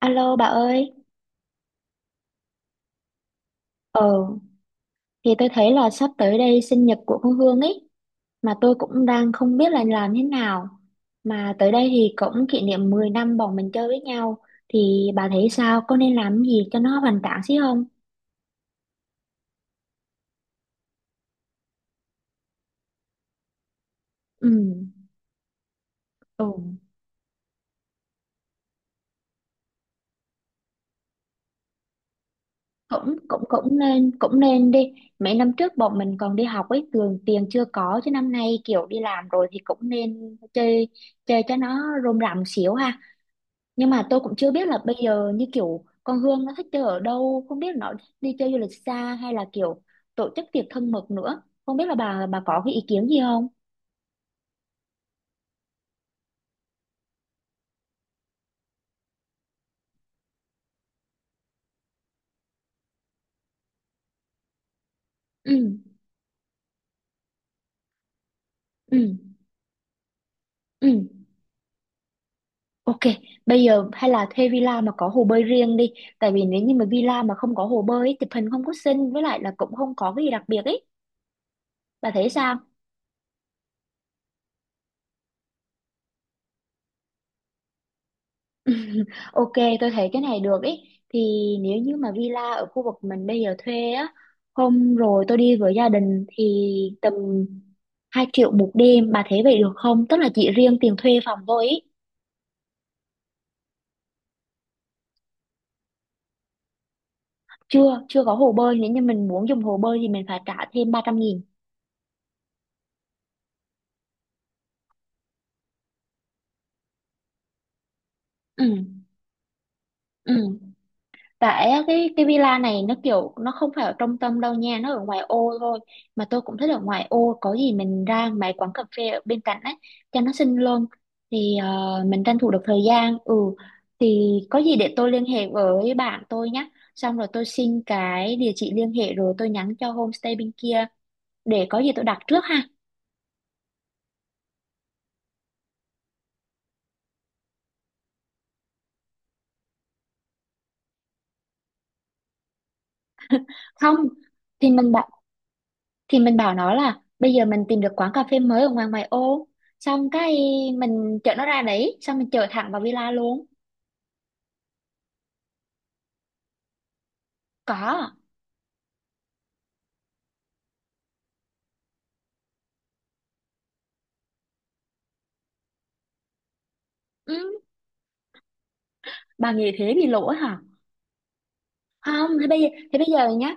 Alo bà ơi, ờ thì tôi thấy là sắp tới đây sinh nhật của con Hương ấy mà tôi cũng đang không biết là làm thế nào. Mà tới đây thì cũng kỷ niệm 10 năm bọn mình chơi với nhau thì bà thấy sao? Có nên làm gì cho nó hoành tráng xí không? Ừ, ừ, cũng cũng cũng nên đi. Mấy năm trước bọn mình còn đi học ấy, thường tiền chưa có chứ năm nay kiểu đi làm rồi thì cũng nên chơi chơi cho nó rôm rả một xíu ha. Nhưng mà tôi cũng chưa biết là bây giờ như kiểu con Hương nó thích chơi ở đâu, không biết là nó đi chơi du lịch xa hay là kiểu tổ chức tiệc thân mật nữa. Không biết là bà có cái ý kiến gì không? Ừ, ừ, ừ. Ok, bây giờ hay là thuê villa mà có hồ bơi riêng đi. Tại vì nếu như mà villa mà không có hồ bơi ấy, chụp hình không có xinh với lại là cũng không có cái gì đặc biệt ấy. Bà thấy sao? Ok, tôi thấy cái này được ý. Thì nếu như mà villa ở khu vực mình bây giờ thuê á, hôm rồi tôi đi với gia đình thì tầm 2 triệu một đêm, bà thấy vậy được không? Tức là chỉ riêng tiền thuê phòng thôi ý. Chưa, chưa có hồ bơi, nếu như mình muốn dùng hồ bơi thì mình phải trả thêm 300 nghìn. Ừ, ừ. Tại á, cái villa này nó kiểu nó không phải ở trung tâm đâu nha, nó ở ngoài ô thôi. Mà tôi cũng thích ở ngoài ô, có gì mình ra mấy quán cà phê ở bên cạnh ấy cho nó xinh luôn. Thì ờ, mình tranh thủ được thời gian. Ừ thì có gì để tôi liên hệ với bạn tôi nhé. Xong rồi tôi xin cái địa chỉ liên hệ rồi tôi nhắn cho homestay bên kia để có gì tôi đặt trước ha. Không thì mình bảo nó là bây giờ mình tìm được quán cà phê mới ở ngoài ngoại ô xong cái mình chở nó ra đấy xong mình chở thẳng vào villa luôn có ừ, bà nghĩ thế thì lỗi hả không thế bây giờ nhá.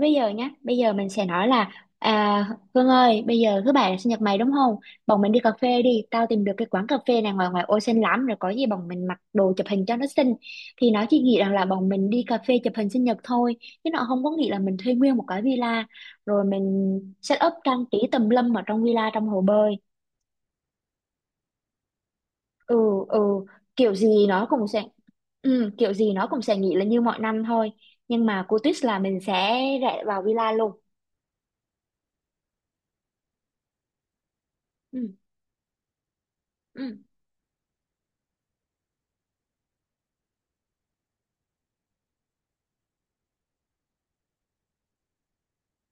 Bây giờ nhá, bây giờ mình sẽ nói là à, Hương ơi, bây giờ thứ bảy là sinh nhật mày đúng không? Bọn mình đi cà phê đi, tao tìm được cái quán cà phê này ngoài ngoài ô xinh lắm rồi có gì bọn mình mặc đồ chụp hình cho nó xinh. Thì nó chỉ nghĩ rằng là bọn mình đi cà phê chụp hình sinh nhật thôi, chứ nó không có nghĩ là mình thuê nguyên một cái villa rồi mình set up trang trí tùm lum ở trong villa trong hồ bơi. Ừ ừ, kiểu gì nó cũng sẽ ừ, kiểu gì nó cũng sẽ nghĩ là như mọi năm thôi, nhưng mà cú twist là mình sẽ rẽ vào villa luôn. Ừ. Ừ.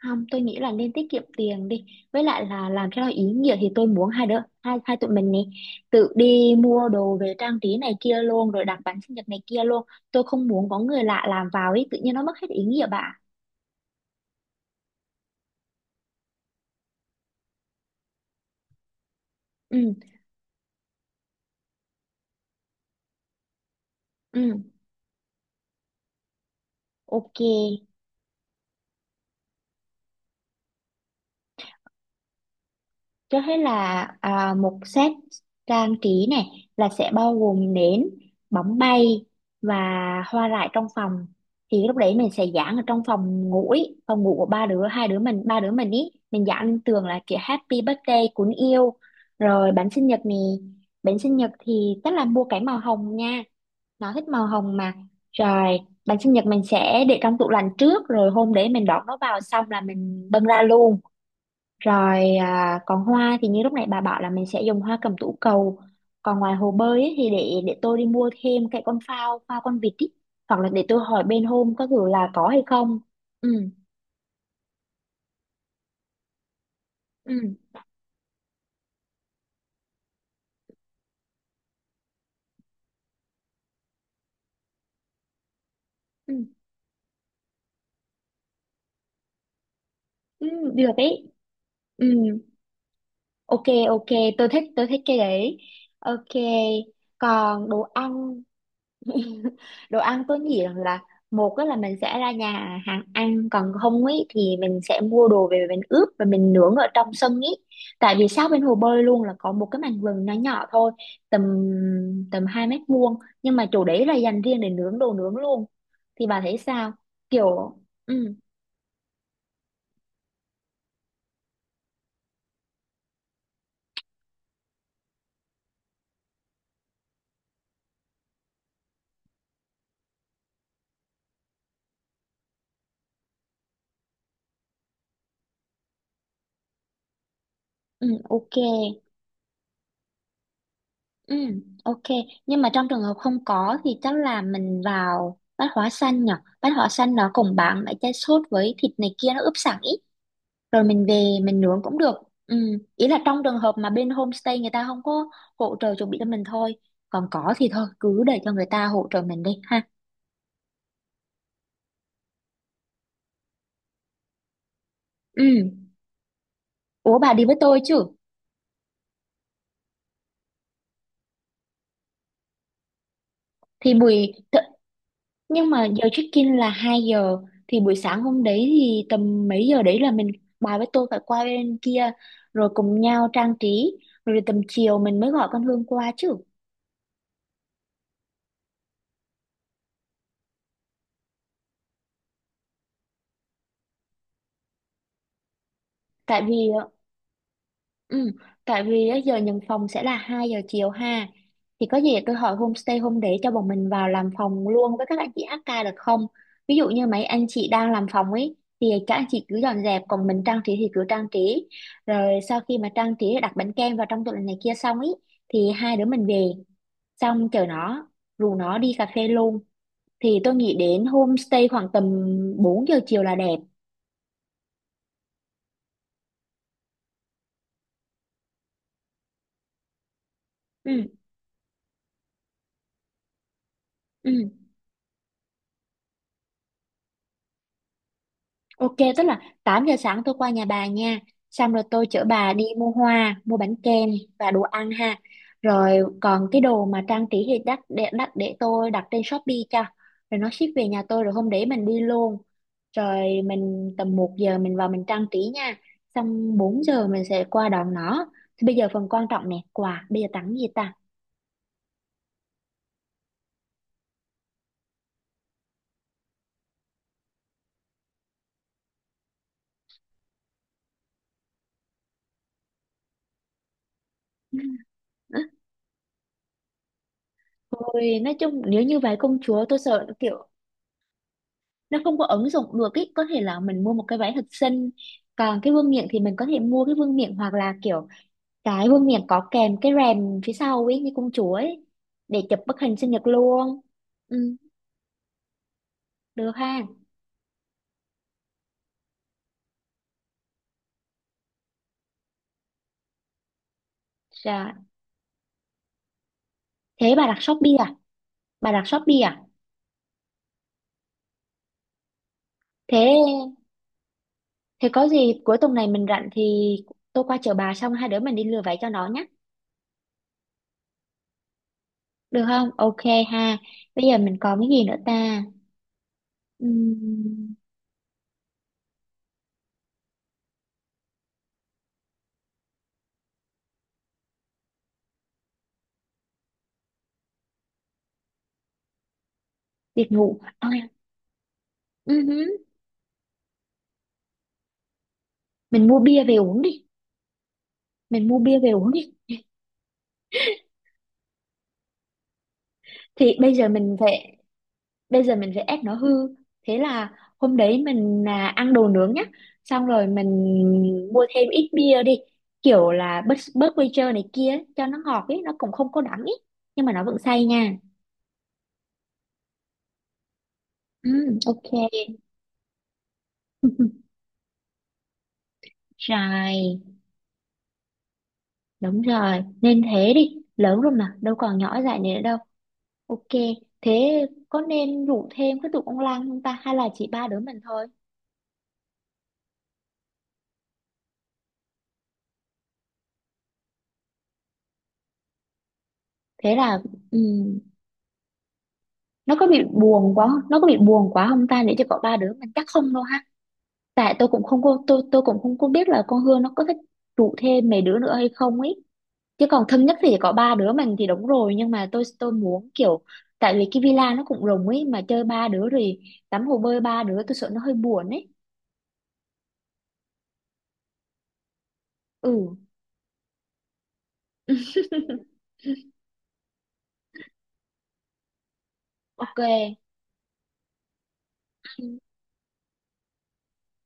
Không, tôi nghĩ là nên tiết kiệm tiền đi. Với lại là làm cho nó ý nghĩa thì tôi muốn hai đứa, hai tụi mình này tự đi mua đồ về trang trí này kia luôn rồi đặt bánh sinh nhật này kia luôn. Tôi không muốn có người lạ làm vào ý, tự nhiên nó mất hết ý nghĩa bà. Ừ, ừ, ok. Cho hết là một set trang trí này là sẽ bao gồm nến, bóng bay và hoa rải trong phòng. Thì lúc đấy mình sẽ dán ở trong phòng ngủ ý, phòng ngủ của ba đứa, hai đứa mình, ba đứa mình ý. Mình dán lên tường là chữ Happy Birthday cuốn yêu. Rồi bánh sinh nhật này, bánh sinh nhật thì chắc là mua cái màu hồng nha. Nó thích màu hồng mà. Rồi bánh sinh nhật mình sẽ để trong tủ lạnh trước rồi hôm đấy mình đón nó vào xong là mình bưng ra luôn rồi còn hoa thì như lúc nãy bà bảo là mình sẽ dùng hoa cẩm tú cầu. Còn ngoài hồ bơi ấy, thì để tôi đi mua thêm cái con phao, phao con vịt ý. Hoặc là để tôi hỏi bên hôm có kiểu là có hay không. Ừ, ừ, ừ, ừ được ấy. Ừ, ok, ok, tôi thích cái đấy. Ok, còn đồ ăn. Đồ ăn tôi nghĩ rằng là một á là mình sẽ ra nhà hàng ăn còn không ấy thì mình sẽ mua đồ về mình ướp và mình nướng ở trong sân ấy tại vì sát bên hồ bơi luôn là có một cái mảnh vườn nhỏ nhỏ thôi tầm tầm hai mét vuông nhưng mà chỗ đấy là dành riêng để nướng đồ nướng luôn thì bà thấy sao kiểu ừ ừ ok ừ ok nhưng mà trong trường hợp không có thì chắc là mình vào bát hóa xanh nhở bát hóa xanh nó cũng bán mấy cái sốt với thịt này kia nó ướp sẵn ý rồi mình về mình nướng cũng được ừ. Ý là trong trường hợp mà bên homestay người ta không có hỗ trợ chuẩn bị cho mình thôi còn có thì thôi cứ để cho người ta hỗ trợ mình đi ha ừ. Ủa bà đi với tôi chứ thì buổi th- nhưng mà giờ check in là 2 giờ thì buổi sáng hôm đấy thì tầm mấy giờ đấy là mình bà với tôi phải qua bên kia rồi cùng nhau trang trí rồi tầm chiều mình mới gọi con Hương qua chứ tại vì ờ, Ừ, tại vì á, giờ nhận phòng sẽ là 2 giờ chiều ha. Thì có gì tôi hỏi homestay hôm để cho bọn mình vào làm phòng luôn với các anh chị HK được không? Ví dụ như mấy anh chị đang làm phòng ấy thì các anh chị cứ dọn dẹp còn mình trang trí thì cứ trang trí. Rồi sau khi mà trang trí đặt bánh kem vào trong tủ lạnh này kia xong ấy thì hai đứa mình về xong chờ nó rủ nó đi cà phê luôn. Thì tôi nghĩ đến homestay khoảng tầm 4 giờ chiều là đẹp. Ừ, ừ. Ok, tức là 8 giờ sáng tôi qua nhà bà nha. Xong rồi tôi chở bà đi mua hoa, mua bánh kem và đồ ăn ha. Rồi còn cái đồ mà trang trí thì đắt để tôi đặt trên Shopee cho. Rồi nó ship về nhà tôi rồi hôm đấy mình đi luôn. Rồi mình tầm một giờ mình vào mình trang trí nha. Xong 4 giờ mình sẽ qua đón nó. Thì bây giờ phần quan trọng nè, quà. Bây giờ tặng gì ta? Ôi, nói chung nếu như vậy công chúa tôi sợ kiểu nó không có ứng dụng được ý có thể là mình mua một cái váy thật xinh còn cái vương miện thì mình có thể mua cái vương miện hoặc là kiểu cái vương miện có kèm cái rèm phía sau ấy như công chúa ấy để chụp bức hình sinh nhật luôn ừ, được ha dạ thế bà đặt Shopee à bà đặt Shopee à thế thế có gì cuối tuần này mình rảnh thì tôi qua chở bà xong hai đứa mình đi lừa váy cho nó nhé được không ok ha bây giờ mình còn cái gì nữa ta. Ừm, việc ngủ à, ừm, mình mua bia về uống đi mình mua bia về uống đi thì bây giờ mình phải ép nó hư thế là hôm đấy mình ăn đồ nướng nhá xong rồi mình mua thêm ít bia đi kiểu là bớt bớt quay trơ này kia ấy, cho nó ngọt ấy nó cũng không có đắng ấy nhưng mà nó vẫn say nha ừ, ok. Rồi, đúng rồi, nên thế đi, lớn rồi mà, đâu còn nhỏ dại này nữa đâu. Ok, thế có nên rủ thêm cái tụi con Lan không ta, hay là chỉ ba đứa mình thôi? Thế là, ừ, nó có bị buồn quá không? Ta để cho có ba đứa mình chắc không đâu ha tại tôi cũng không có tôi cũng không có biết là con Hương nó có thích trụ thêm mấy đứa nữa hay không ấy chứ còn thân nhất thì chỉ có ba đứa mình thì đúng rồi nhưng mà tôi muốn kiểu tại vì cái villa nó cũng rộng ấy mà chơi ba đứa rồi tắm hồ bơi ba đứa tôi sợ nó hơi buồn ấy ừ ok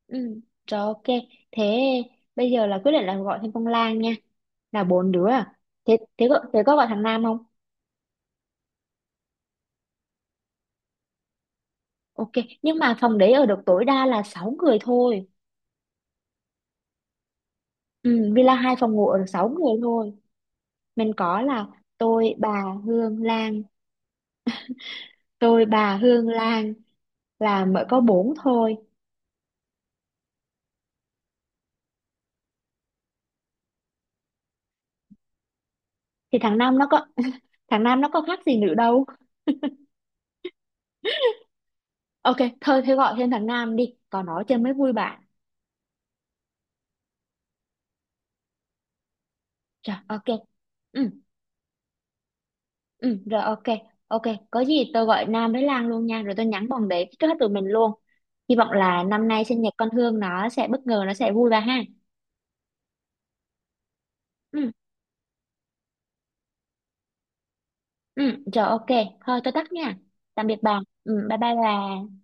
ừ rồi ok thế bây giờ là quyết định là gọi thêm con Lan nha là bốn đứa à thế thế có gọi thằng Nam không. Ok, nhưng mà phòng đấy ở được tối đa là 6 người thôi. Ừ, villa hai phòng ngủ ở được 6 người thôi. Mình có là tôi, bà, Hương, Lan. Tôi, bà, Hương, Lan là mới có 4 thôi. Thì thằng Nam nó có thằng Nam nó có khác gì nữa đâu. Ok, thôi thế gọi thêm thằng Nam đi, còn nó chơi mới vui bạn. Rồi, ok. Ừ, ừ, rồi ok. Ok, có gì tôi gọi Nam với Lan luôn nha, rồi tôi nhắn bọn đấy trước hết tụi mình luôn. Hy vọng là năm nay sinh nhật con Hương nó sẽ bất ngờ, nó sẽ vui bà ha. Ừ. Ừ, rồi ok. Thôi tôi tắt nha. Tạm biệt bà. Ừ, bye bye bà.